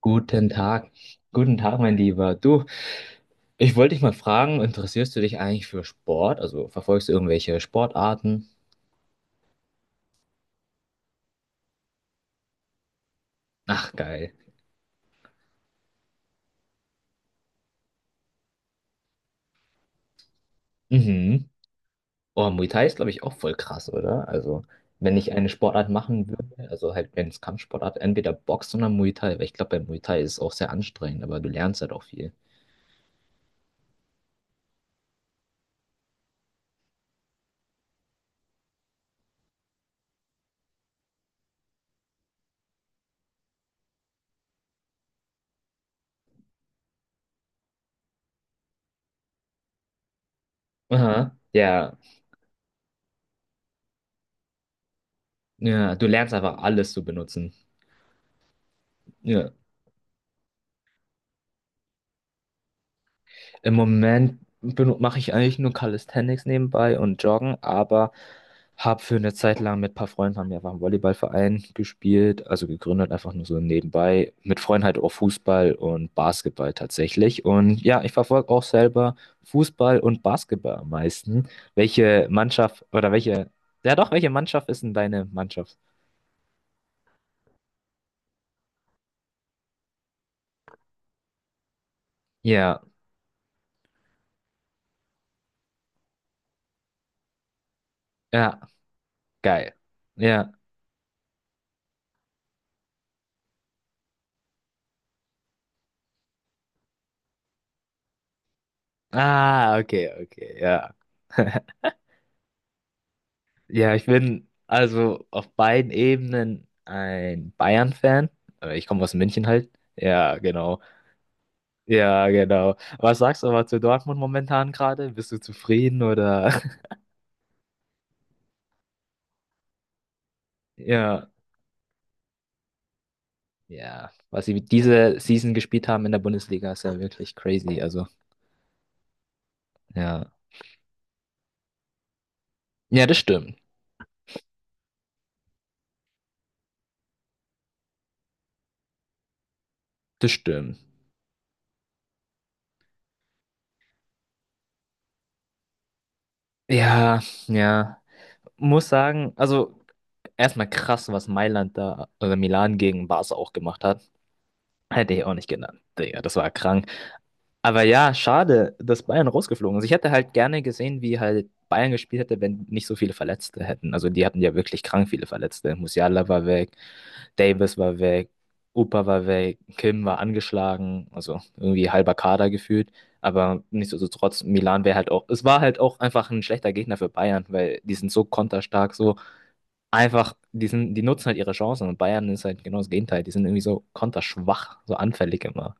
Guten Tag. Guten Tag, mein Lieber. Du, ich wollte dich mal fragen, interessierst du dich eigentlich für Sport? Also verfolgst du irgendwelche Sportarten? Ach, geil. Mhm. Oh, Muay Thai ist, glaube ich, auch voll krass, oder? Also, wenn ich eine Sportart machen würde, also halt, wenn es Kampfsportart, entweder Boxen oder Muay Thai, weil ich glaube, bei Muay Thai ist es auch sehr anstrengend, aber du lernst halt auch viel. Aha. Ja. Ja, du lernst einfach alles zu benutzen. Ja. Im Moment mache ich eigentlich nur Calisthenics nebenbei und Joggen, aber habe für eine Zeit lang mit ein paar Freunden haben wir einfach einen Volleyballverein gespielt, also gegründet, einfach nur so nebenbei. Mit Freunden halt auch Fußball und Basketball tatsächlich. Und ja, ich verfolge auch selber Fußball und Basketball am meisten. Welche Mannschaft oder welche, ja doch, welche Mannschaft ist denn deine Mannschaft? Ja, ja, geil. Ja. Ah, okay, okay, ja. Ja, ich bin also auf beiden Ebenen ein Bayern-Fan. Ich komme aus München halt. Ja, genau. Ja, genau. Was sagst du aber zu Dortmund momentan gerade? Bist du zufrieden oder? Ja, ja. Was sie diese Season gespielt haben in der Bundesliga ist ja wirklich crazy. Also, ja. Ja, das stimmt. Das stimmt. Ja, ja. Muss sagen, also erstmal krass, was Mailand da oder Milan gegen Barca auch gemacht hat. Hätte ich auch nicht genannt. Digga, das war krank. Aber ja, schade, dass Bayern rausgeflogen ist. Ich hätte halt gerne gesehen, wie halt Bayern gespielt hätte, wenn nicht so viele Verletzte hätten. Also die hatten ja wirklich krank viele Verletzte. Musiala war weg, Davis war weg, Upa war weg, Kim war angeschlagen, also irgendwie halber Kader gefühlt. Aber nichtsdestotrotz, Milan wäre halt auch, es war halt auch einfach ein schlechter Gegner für Bayern, weil die sind so konterstark, so einfach, die sind, die nutzen halt ihre Chancen und Bayern ist halt genau das Gegenteil. Die sind irgendwie so konterschwach, so anfällig immer.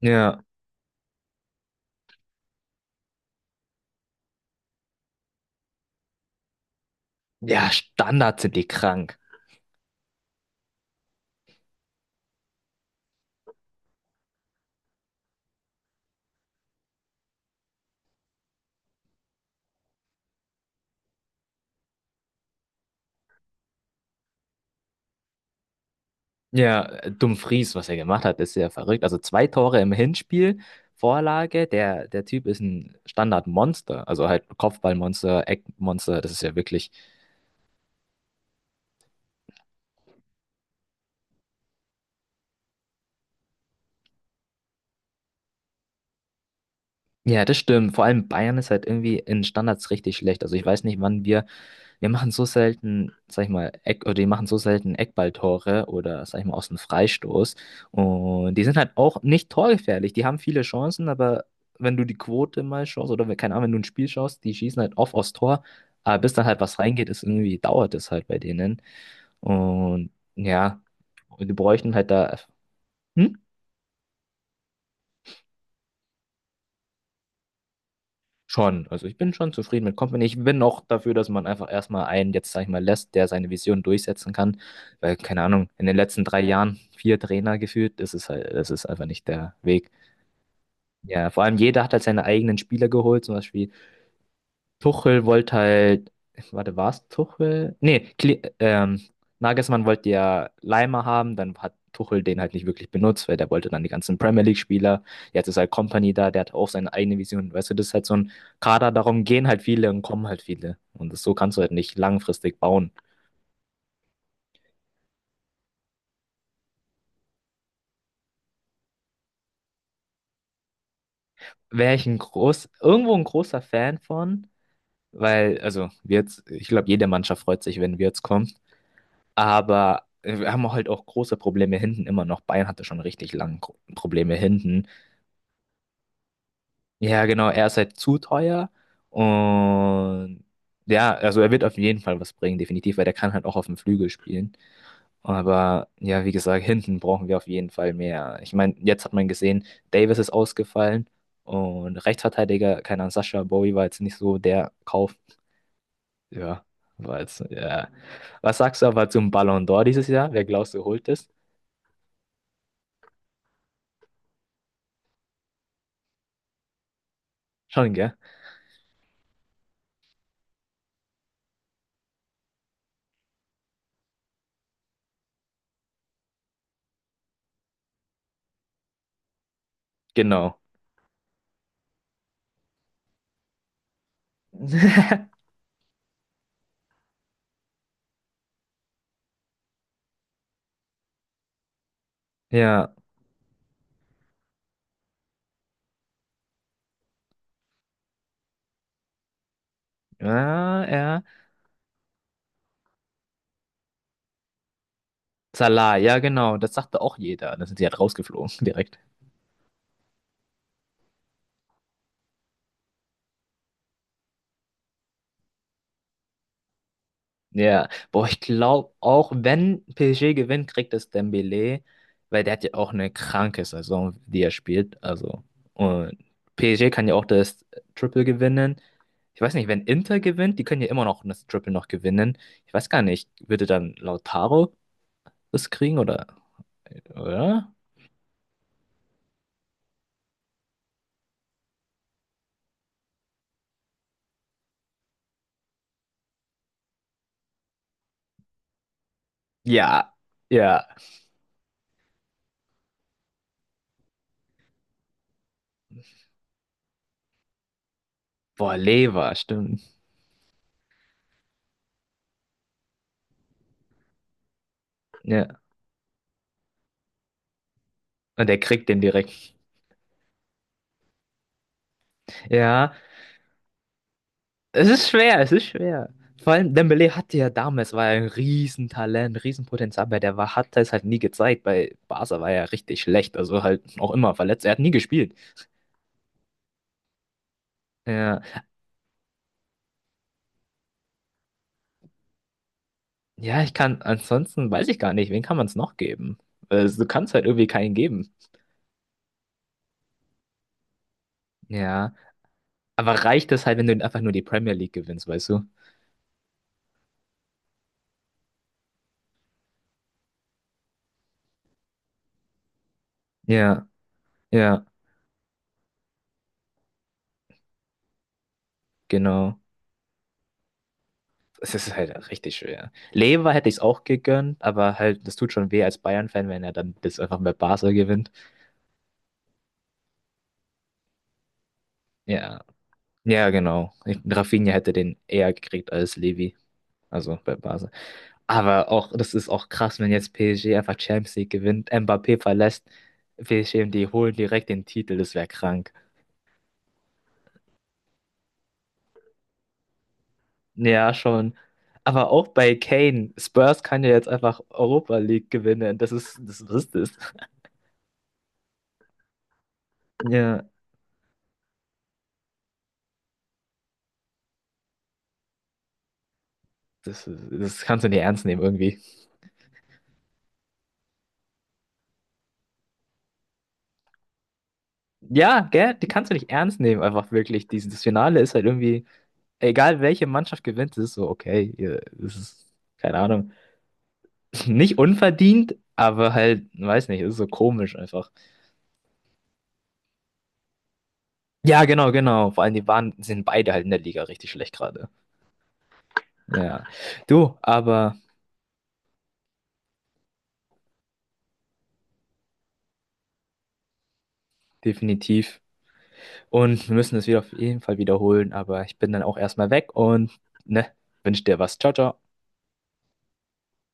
Ja, ja, Standards sind die krank. Ja, Dumfries, was er gemacht hat, ist ja verrückt. Also zwei Tore im Hinspiel, Vorlage. Der, der Typ ist ein Standardmonster. Also halt Kopfballmonster, Eckmonster. Das ist ja wirklich. Ja, das stimmt. Vor allem Bayern ist halt irgendwie in Standards richtig schlecht. Also ich weiß nicht, wann wir. Wir machen so selten, sag ich mal, Eck, oder die machen so selten Eckballtore oder, sag ich mal, aus dem Freistoß. Und die sind halt auch nicht torgefährlich. Die haben viele Chancen, aber wenn du die Quote mal schaust oder keine Ahnung, wenn du ein Spiel schaust, die schießen halt oft aus Tor. Aber bis dann halt was reingeht, ist irgendwie, dauert es halt bei denen. Und ja, und die bräuchten halt da. Hm? Schon, also ich bin schon zufrieden mit Company. Ich bin auch dafür, dass man einfach erstmal einen, jetzt sag ich mal, lässt, der seine Vision durchsetzen kann. Weil, keine Ahnung, in den letzten drei Jahren vier Trainer geführt, das ist halt, das ist einfach nicht der Weg. Ja, vor allem jeder hat halt seine eigenen Spieler geholt, zum Beispiel Tuchel wollte halt, warte, war es Tuchel? Nee, Kli Nagelsmann wollte ja Leimer haben, dann hat Tuchel den halt nicht wirklich benutzt, weil der wollte dann die ganzen Premier League-Spieler. Jetzt ist halt Kompany da, der hat auch seine eigene Vision. Weißt du, das ist halt so ein Kader, darum gehen halt viele und kommen halt viele. Und das, so kannst du halt nicht langfristig bauen. Wäre ich ein groß, irgendwo ein großer Fan von, weil, also, wir jetzt, ich glaube, jede Mannschaft freut sich, wenn wir jetzt kommen. Aber wir haben halt auch große Probleme hinten immer noch. Bayern hatte schon richtig lange Probleme hinten. Ja, genau, er ist halt zu teuer. Und ja, also er wird auf jeden Fall was bringen, definitiv, weil der kann halt auch auf dem Flügel spielen. Aber ja, wie gesagt, hinten brauchen wir auf jeden Fall mehr. Ich meine, jetzt hat man gesehen, Davis ist ausgefallen und Rechtsverteidiger, keine Ahnung, Sascha Bowie war jetzt nicht so der Kauf. Ja, war jetzt, ja. Was sagst du aber zum Ballon d'Or dieses Jahr? Wer glaubst du holt es? Schon, gell? Genau. Ja. Ja, ja. Salah, ja, genau. Das sagte auch jeder. Dann sind sie halt rausgeflogen direkt. Ja. Boah, ich glaube auch, wenn PSG gewinnt, kriegt es Dembélé, weil der hat ja auch eine kranke Saison, die er spielt. Also, und PSG kann ja auch das Triple gewinnen. Ich weiß nicht, wenn Inter gewinnt, die können ja immer noch das Triple noch gewinnen. Ich weiß gar nicht, würde dann Lautaro das kriegen oder, oder? Ja, ja. Boah, Lever, stimmt. Ja. Und er kriegt den direkt. Ja, es ist schwer, es ist schwer. Vor allem Dembélé hatte ja damals, war er ein Riesentalent, Riesenpotenzial, aber der war, hat es halt nie gezeigt. Bei Barca war er richtig schlecht, also halt auch immer verletzt. Er hat nie gespielt. Ja, ja, ich kann, ansonsten weiß ich gar nicht, wen kann man es noch geben? Also, du kannst halt irgendwie keinen geben. Ja, aber reicht es halt, wenn du einfach nur die Premier League gewinnst, weißt du? Ja, ja, genau. Es ist halt richtig schwer. Lever hätte ich es auch gegönnt, aber halt, das tut schon weh als Bayern-Fan, wenn er dann das einfach mit Basel gewinnt. Ja, ja, genau. Ich, Rafinha hätte den eher gekriegt als Levi. Also bei Basel. Aber auch, das ist auch krass, wenn jetzt PSG einfach Champions League gewinnt, Mbappé verlässt, PSG und die holen direkt den Titel, das wäre krank. Ja, schon. Aber auch bei Kane, Spurs kann ja jetzt einfach Europa League gewinnen. Das ist, das, was ist das? Ja, das, das kannst du nicht ernst nehmen irgendwie. Ja, gell? Die kannst du nicht ernst nehmen, einfach wirklich. Dieses das Finale ist halt irgendwie, egal welche Mannschaft gewinnt, es ist so, okay, es ist, keine Ahnung, nicht unverdient, aber halt, weiß nicht, es ist so komisch einfach. Ja, genau, genau. Vor allem, die waren, sind beide halt in der Liga richtig schlecht gerade. Ja. Du, aber definitiv. Und wir müssen das wieder auf jeden Fall wiederholen, aber ich bin dann auch erstmal weg und, ne, wünsch dir was. Ciao, ciao.